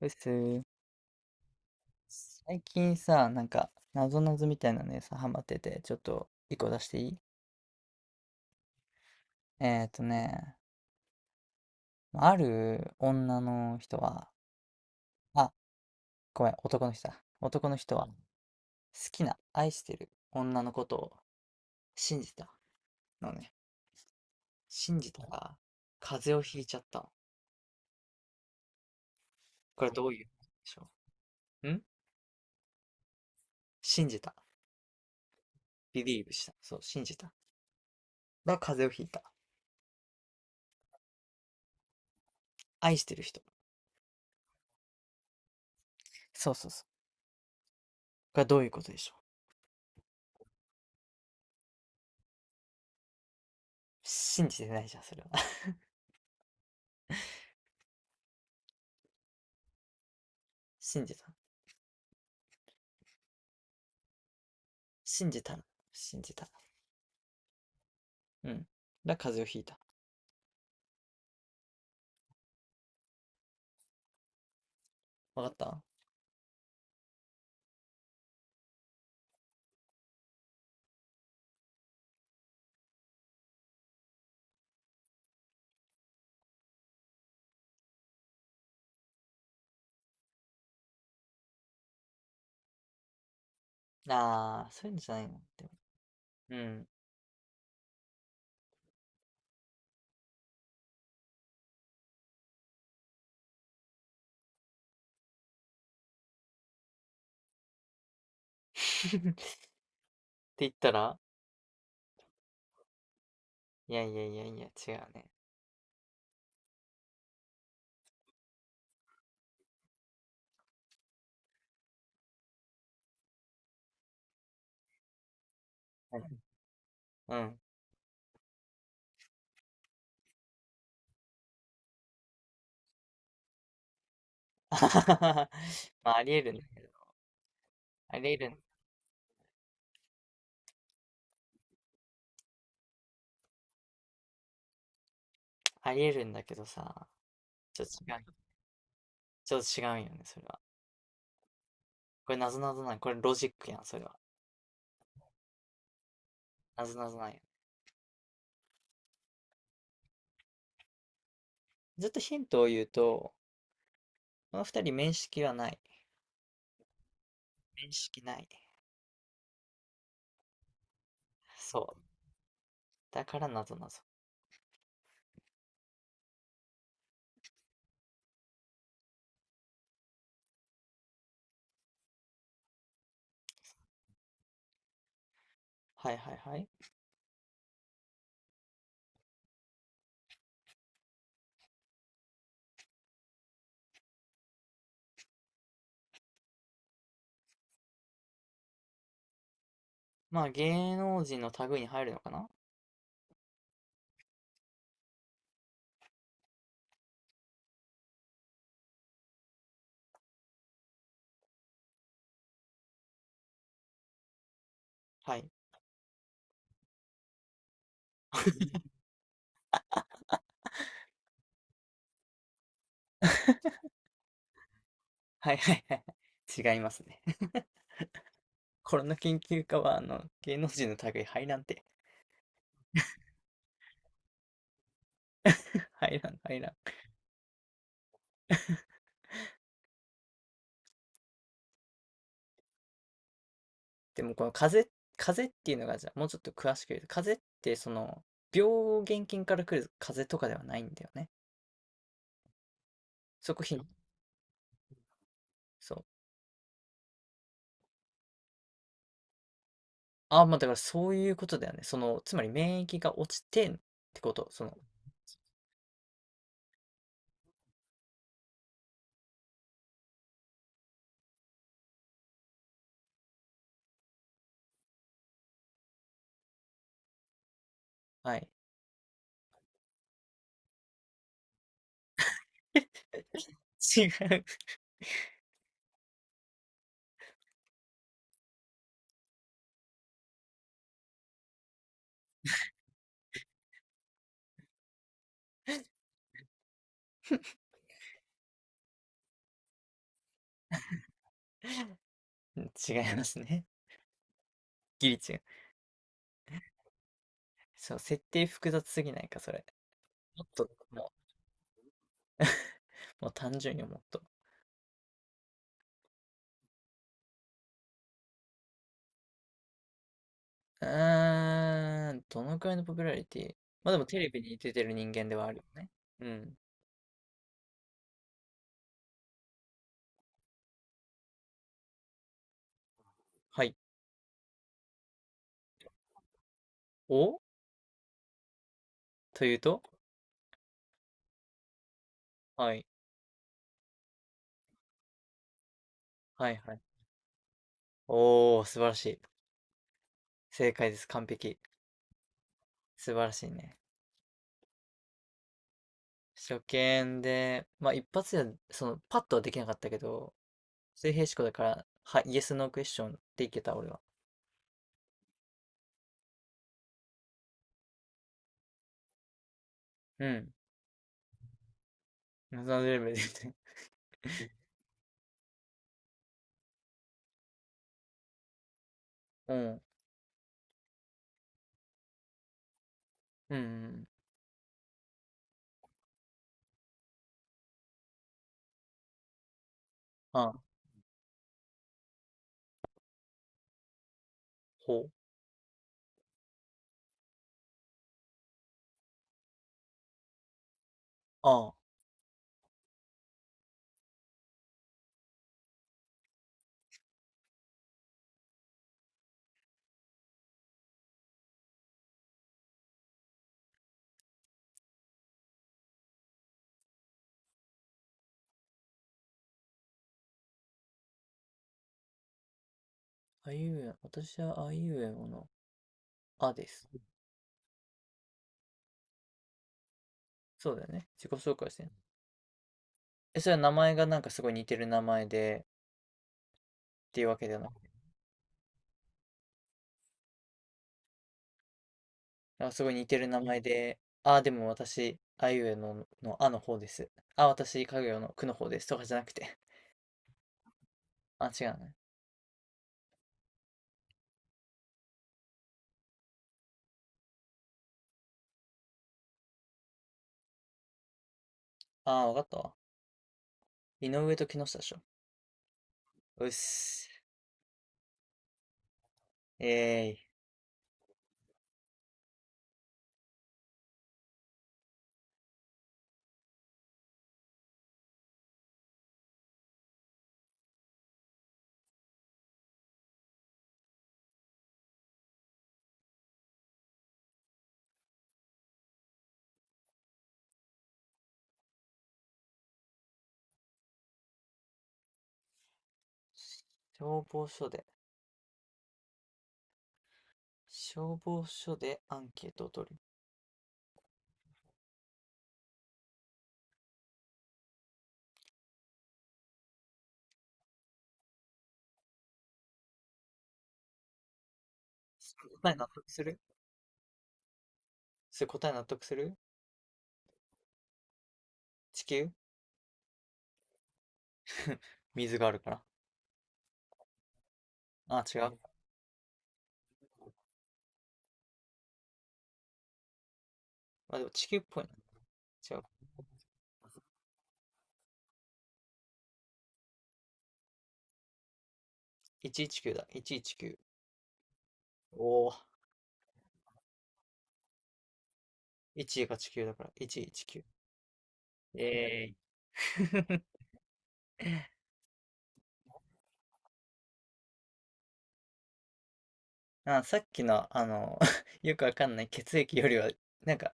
です。最近さ、なんか、なぞなぞみたいなのにさ、ハマってて、ちょっと、一個出していい？えっとね、ある女の人は、あ、ごめん、男の人だ。男の人は、好きな、愛してる女のことを信じたのね。信じたら、風邪をひいちゃったの。これどういう意でしょうん。信じた。believe した。そう、信じた。だから風邪をひいた。愛してる人。そうそうそう。これどういうことでしょう？信じてないじゃん、それは。信じた。信じたの。信じた。うん。風邪をひいた。わかった？ああー、そういうのじゃないの。でも、うん。って言ったら、いやいやいやいや、違うね。うん。うん。 まあ、ありえるんだけど。ありえるん、ありえるんだけどさ。ちょっと違う。ちょっと違うよね、それは。これ、なぞなぞなん。これ、ロジックやん、それは。なぞなぞなんや。ずっとヒントを言うと、この二人面識はない。面識ない。そう。だから、なぞなぞ。はいはいはい。まあ、芸能人の類に入るのかな？はい。はいはいはいはい。違いますね。コロナ研究家は、芸能人の類入らんて。入らん、入らん。でも、この風邪っていうのが、じゃあ、もうちょっと詳しく言うと、風邪って、病原菌から来る風邪とかではないんだよね。そこひんそう。ああ、まあ、だからそういうことだよね。つまり免疫が落ちてんってこと。はい。違う。違いますね。ギリ違う。そう、設定複雑すぎないか、それ。もっと、もう単純にもっと。うーん、どのくらいのポピュラリティ？まあでもテレビに出てる人間ではあるよね。うん。はい。お、というと？はい。はいはい。おー、素晴らしい。正解です。完璧。素晴らしいね。初見で、まあ一発で、パッとはできなかったけど、水平思考だから、イエスのクエスチョンでいけた、俺は。うん。謎のレベルで言って。うん。うんうん。あ、ほ。あ、あいうえ、私はあいうえおの。あです。そうだよね。自己紹介してね。え、それは名前がなんかすごい似てる名前でっていうわけではなくて、あ、すごい似てる名前で、あ、でも私、あいうえのの、あの方です。あ、私、かぐやのくの方です。とかじゃなくて。あ、違うね。あ、わかったわ。井上と木下でしょ。うっす。えーい。消防署で、消防署でアンケートを取る。答え納得する？それ答え納得する？地球。水があるから。あ、違う。まあでも地球っぽいな。違う。119だ。119。おお、1が地球だから、119。えーイ。あ、さっきの、よくわかんない血液よりは、なんか、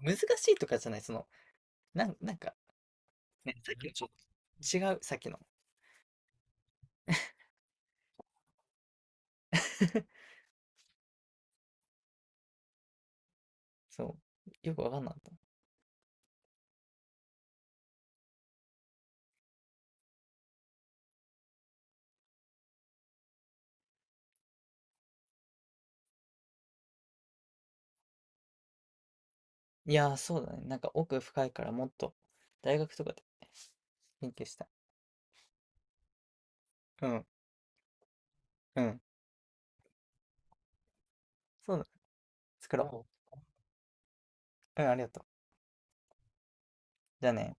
難しいとかじゃない、なんか、ね、さっきのちょっと違う、さっきの。そう。よくわかんなかった。いやー、そうだね。なんか奥深いからもっと、大学とかで勉強したい。うん、うん。そうだね。作ろう。うん、ありがとう。じゃあね。